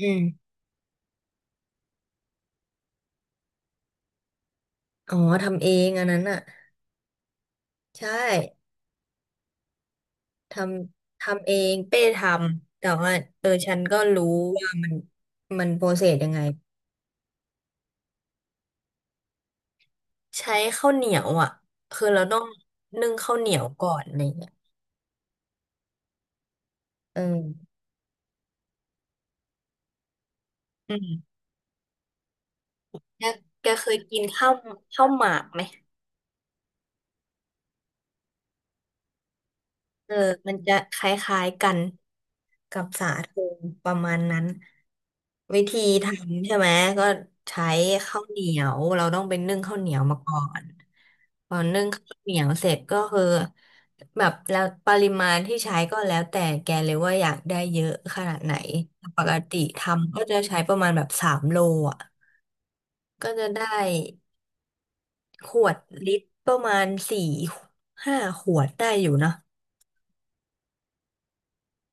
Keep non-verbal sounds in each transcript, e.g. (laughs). อืมอ๋อทำเองอันนั้นอ่ะ ใช่ ทำทำเองเป้ทำ แต่ว่าเออฉันก็รู้ว่ามันมันโปรเซสยังไง ใช้ข้าวเหนียวอ่ะ คือเราต้องนึ่งข้าวเหนียวก่อนอะไรเงี้ยเอออืมแกแกเคยกินข้าวหมากไหม เออมันจะคล้ายๆกันกับสาโทประมาณนั้นวิธีทำใช่ไหมก็ใช้ข้าวเหนียวเราต้องไปนึ่งข้าวเหนียวมาก่อนพอนึ่งข้าวเหนียวเสร็จก็คือแบบแล้วปริมาณที่ใช้ก็แล้วแต่แกเลยว่าอยากได้เยอะขนาดไหนปกติทำก็จะใช้ประมาณแบบ3 โลอ่ะก็จะได้ขวดลิตรประมาณ4-5 ขวดได้อยู่นะ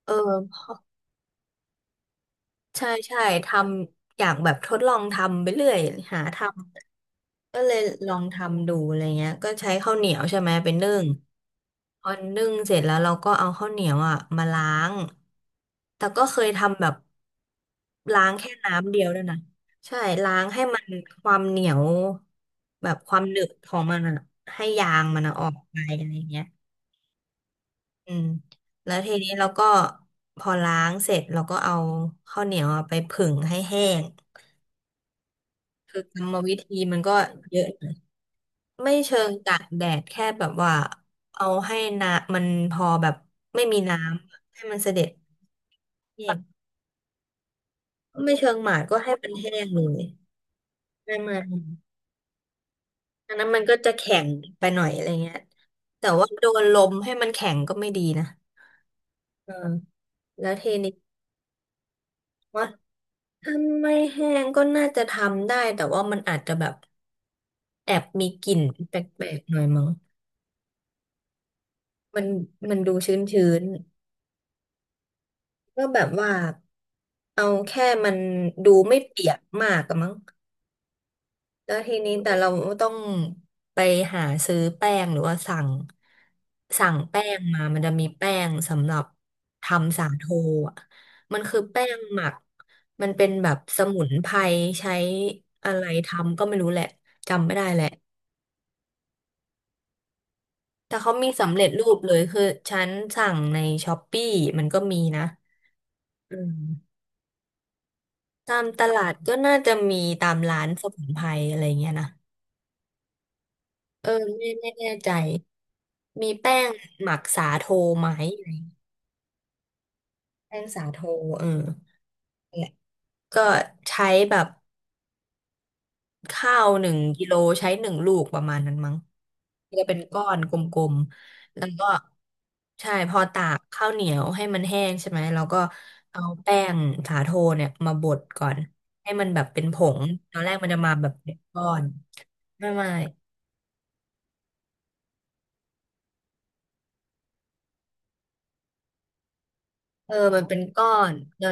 เออพอ ใช่ใช่ทำอยากแบบทดลองทำไปเรื่อยหาทำก็เลยลองทำดูอะไรเงี้ยก็ใช้ข้าวเหนียวใช่ไหมเป็นนึ่งพอนึ่งเสร็จแล้วเราก็เอาข้าวเหนียวอ่ะมาล้างแต่ก็เคยทำแบบล้างแค่น้ำเดียวด้วยนะใช่ล้างให้มันความเหนียวแบบความหนึบของมันอะให้ยางมันอะออกไปอะไรเงี้ยอืมแล้วทีนี้เราก็พอล้างเสร็จเราก็เอาข้าวเหนียวอะไปผึ่งให้แห้ง คือกรรมวิธีมันก็เยอะนะไม่เชิงตากแดดแค่แบบว่าเอาให้น้ำมันพอแบบไม่มีน้ำให้มันเสด็จแห้งไม่เชิงหมาดก็ให้มันแห้งเลยไม่ไม่อันนั้นมันก็จะแข็งไปหน่อยอะไรเงี้ยแต่ว่าโดนลมให้มันแข็งก็ไม่ดีนะเออแล้วเทนี้ว่าถ้าไม่แห้งก็น่าจะทำได้แต่ว่ามันอาจจะแบบแอบมีกลิ่นแปลกๆหน่อยมั้งมันมันดูชื้นชื้น ก็แบบว่าเอาแค่มันดูไม่เปียกมากอะมั้งแล้วทีนี้แต่เราต้องไปหาซื้อแป้งหรือว่าสั่งสั่งแป้งมามันจะมีแป้งสำหรับทำสาโทอ่ะมันคือแป้งหมักมันเป็นแบบสมุนไพรใช้อะไรทำก็ไม่รู้แหละจำไม่ได้แหละแต่เขามีสำเร็จรูปเลยคือฉันสั่งในช้อปปี้มันก็มีนะอืม ตามตลาดก็น่าจะมีตามร้านสมุนไพรอะไรเงี้ยนะเออไม่ไม่แน่ใจมีแป้งหมักสาโทไหมอะไรเงี้ยแป้งสาโทเออนั่นแหละก็ใช้แบบข้าว1 กิโลใช้1 ลูกประมาณนั้นมั้งจะเป็นก้อนกลมๆแล้วก็ใช่พอตากข้าวเหนียวให้มันแห้งใช่ไหมเราก็เอาแป้งสาโทเนี่ยมาบดก่อนให้มันแบบเป็นผงตอนแรกมันจะมาแบบเป็นก้อนไม่ไม่ เออมันเป็นก้อนเรา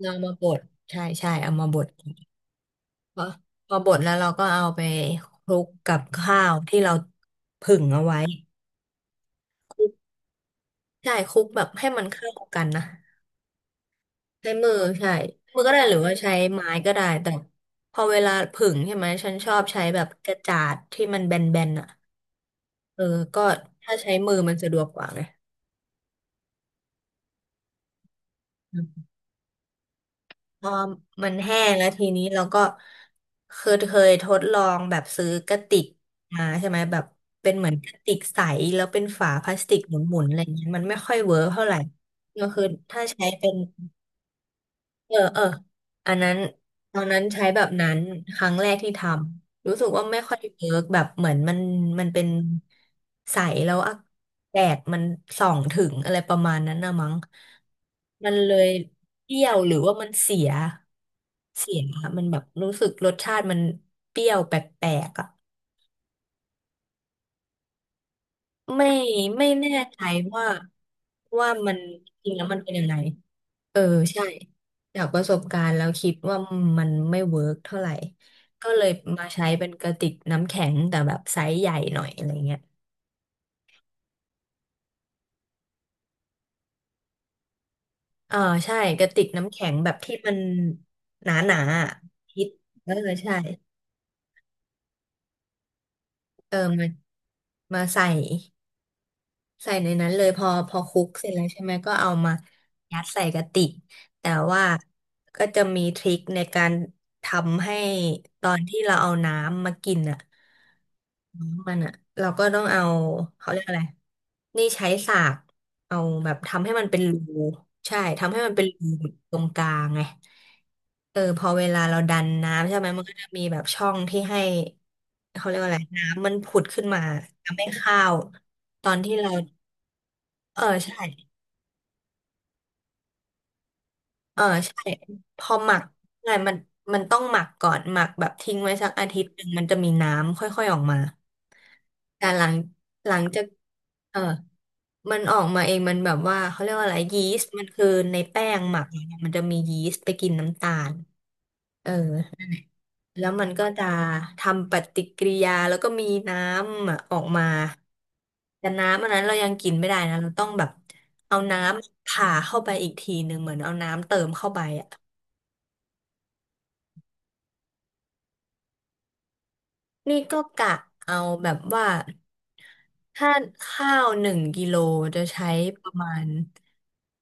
เรามาบดใช่ใช่เอามาบดพอพอบดแล้วเราก็เอาไปคลุกกับข้าวที่เราผึ่งเอาไว้คลุกใช่คลุกแบบให้มันเข้ากันนะใช้มือใช่มือก็ได้หรือว่าใช้ไม้ก็ได้แต่พอเวลาผึ่งใช่ไหมฉันชอบใช้แบบกระจาดที่มันแบนๆอ่ะเออก็ถ้าใช้มือมันสะดวกกว่าไง พอมันแห้งแล้วทีนี้เราก็คือเคยทดลองแบบซื้อกระติกมาใช่ไหมแบบเป็นเหมือนกระติกใสแล้วเป็นฝาพลาสติกหมุนๆอะไรเงี้ยมันไม่ค่อยเวิร์กเท่าไหร่ก็คือถ้าใช้เป็น เออเอออันนั้นตอนนั้นใช้แบบนั้นครั้งแรกที่ทำรู้สึกว่าไม่ค่อยเวิร์กแบบเหมือนมันมันเป็นใสแล้วอะแดดมันส่องถึงอะไรประมาณนั้นนะมั้งมันเลยเปรี้ยวหรือว่ามันเสียเสียอะมันแบบรู้สึกรสชาติมันเปรี้ยวแปลกๆอ่ะไม่ไม่แน่ใจว่าว่ามันจริงแล้วมันเป็นยังไง เออใช่จากประสบการณ์แล้วคิดว่ามันไม่เวิร์กเท่าไหร่ก็เลยมาใช้เป็นกระติกน้ำแข็งแต่แบบไซส์ใหญ่หน่อยอะไรเงี้ยเออใช่กระติกน้ำแข็งแบบที่มันหนาๆอะคิดเออใช่เออมาใส่ ใส่ในนั้นเลยพอคลุกเสร็จแล้วใช่ไหมก็เอามายัดใส่กะติกแต่ว่าก็จะมีทริคในการทำให้ตอนที่เราเอาน้ำมากินอ่ะน้ำมันอ่ะเราก็ต้องเอาเขาเรียกอะไรนี่ใช้สากเอาแบบทำให้มันเป็นรูใช่ทำให้มันเป็นรูตรงกลางไงเออพอเวลาเราดันน้ำใช่ไหมมันก็จะมีแบบช่องที่ให้เขาเรียกว่าอะไรน้ำมันผุดขึ้นมาทำให้ข้าวตอนที่เรา เออใช่เออใช่พอหมักใช่มันต้องหมักก่อนหมักแบบทิ้งไว้สักอาทิตย์หนึ่งมันจะมีน้ำค่อยๆออกมาแต่หลังจากเออมันออกมาเองมันแบบว่าเขาเรียกว่าอะไรยีสต์มันคือในแป้งหมักเนี่ยมันจะมียีสต์ไปกินน้ำตาลเออ แล้วมันก็จะทำปฏิกิริยาแล้วก็มีน้ำอะออกมาแต่น้ำอันนั้นเรายังกินไม่ได้นะเราต้องแบบเอาน้ำผ่าเข้าไปอีกทีหนึ่งเหมือนเอาน้ำเติมเข้าไปอ่ะนี่ก็กะเอาแบบว่าถ้าข้าว1 กิโลจะใช้ประมาณ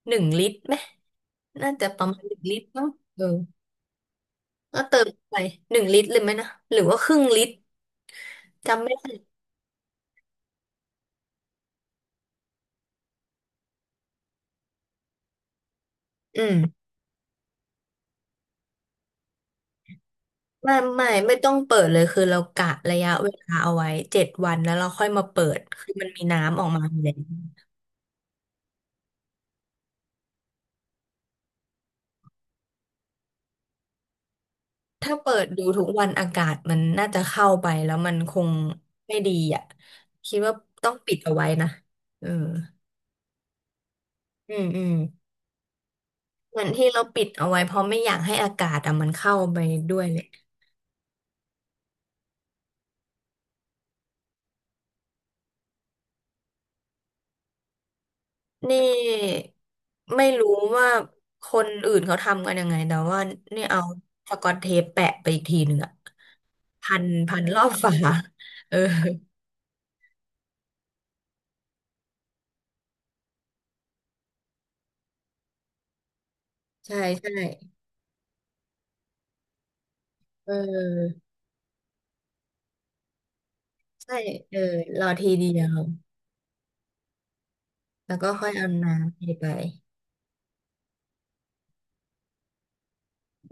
หนึ่งลิตรไหมน่าจะประมาณหนึ่งลิตรเนาะเออก็เติมไปหนึ่งลิตรเลยไหมนะหรือว่าครึ่งลิตรจำไม่ได้อืม ไม่ไม่ไม่ต้องเปิดเลยคือเรากะระยะเวลาเอาไว้7 วันแล้วเราค่อยมาเปิดคือมันมีน้ำออกมาอยู่แล้วถ้าเปิดดูทุกวันอากาศมันน่าจะเข้าไปแล้วมันคงไม่ดีอ่ะคิดว่าต้องปิดเอาไว้นะเอออืมอืมเหมือนที่เราปิดเอาไว้เพราะไม่อยากให้อากาศอ่ะมันเข้าไปด้วยเลย นี่ไม่รู้ว่าคนอื่นเขาทำกันยังไงแต่ว่านี่เอาสกอตเทปแปะไปอีกทีหนึ่งอะพันรอบฝาเออใช่ใช่เออใช่เออรอทีเดียวแล้วก็ค่อยเอาน้ำเทไป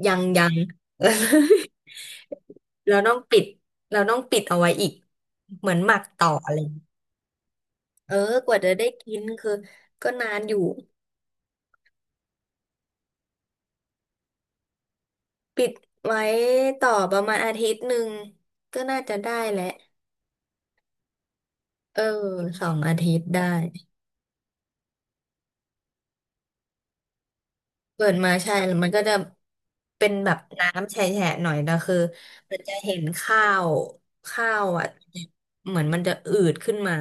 ยังยัง (laughs) เราต้องปิดเราต้องปิดเอาไว้อีกเหมือนหมักต่ออะไรอย่างเงี้ยเออกว่าจะได้กินคือก็นานอยู่ ปิดไว้ต่อประมาณอาทิตย์หนึ่งก็น่าจะได้แหละเออ2 อาทิตย์ได้เปิดมาใช่แล้วมันก็จะเป็นแบบน้ำแฉะๆหน่อยนะคือมันจะเห็นวข้าวอ่ะเหมือนมันจะอืดขึ้นมา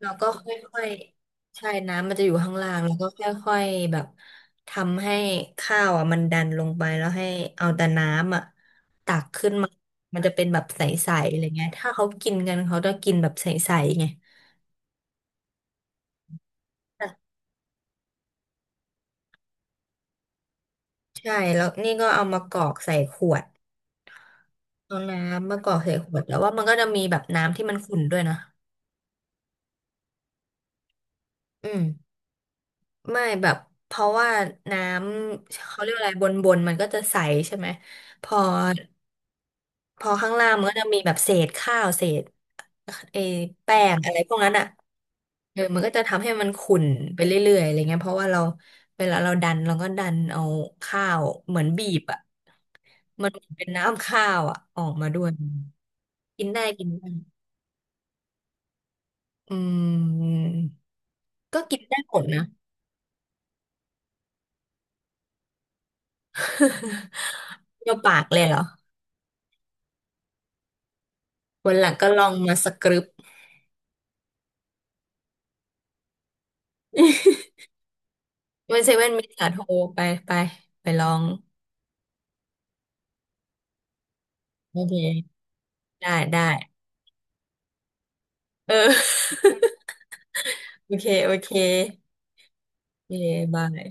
แล้วก็ค่อยๆใช่น้ำมันจะอยู่ข้างล่างแล้วก็ค่อยๆแบบทำให้ข้าวอ่ะมันดันลงไปแล้วให้เอาแต่น้ำอ่ะตักขึ้นมามันจะเป็นแบบใสๆอะไรเงี้ยถ้าเขากินกันเขาจะกินแบบใสๆไงแต่ใช่แล้วนี่ก็เอามากรอกใส่ขวดเอาน้ำมากรอกใส่ขวดแล้วว่ามันก็จะมีแบบน้ำที่มันขุ่นด้วยนะอืมไม่แบบเพราะว่าน้ำเขาเรียกอะไรบนมันก็จะใสใช่ไหมพอ พอข้างล่างมันก็จะมีแบบเศษข้าวเศษเออแป้งอะไรพวกนั้นอ่ะเออมันก็จะทำให้มันขุ่นไปเรื่อยๆอะไรเงี้ยเพราะว่าเราเวลาเราดันเราก็ดันเอาข้าวเหมือนบีบอ่ะมันเหมือนเป็นน้ำข้าวอ่ะออกมาด้วยกินได้กินได้อืมก็กินได้หมดนะ (laughs) เดียวปากเลยเหรอวันหลังก็ลองมาสกรึป (laughs) วันเซเว่นมีสาโทรไปไปไปลองโอเคได้ได้ เออ (laughs) โอเคโอเคโอเคบาย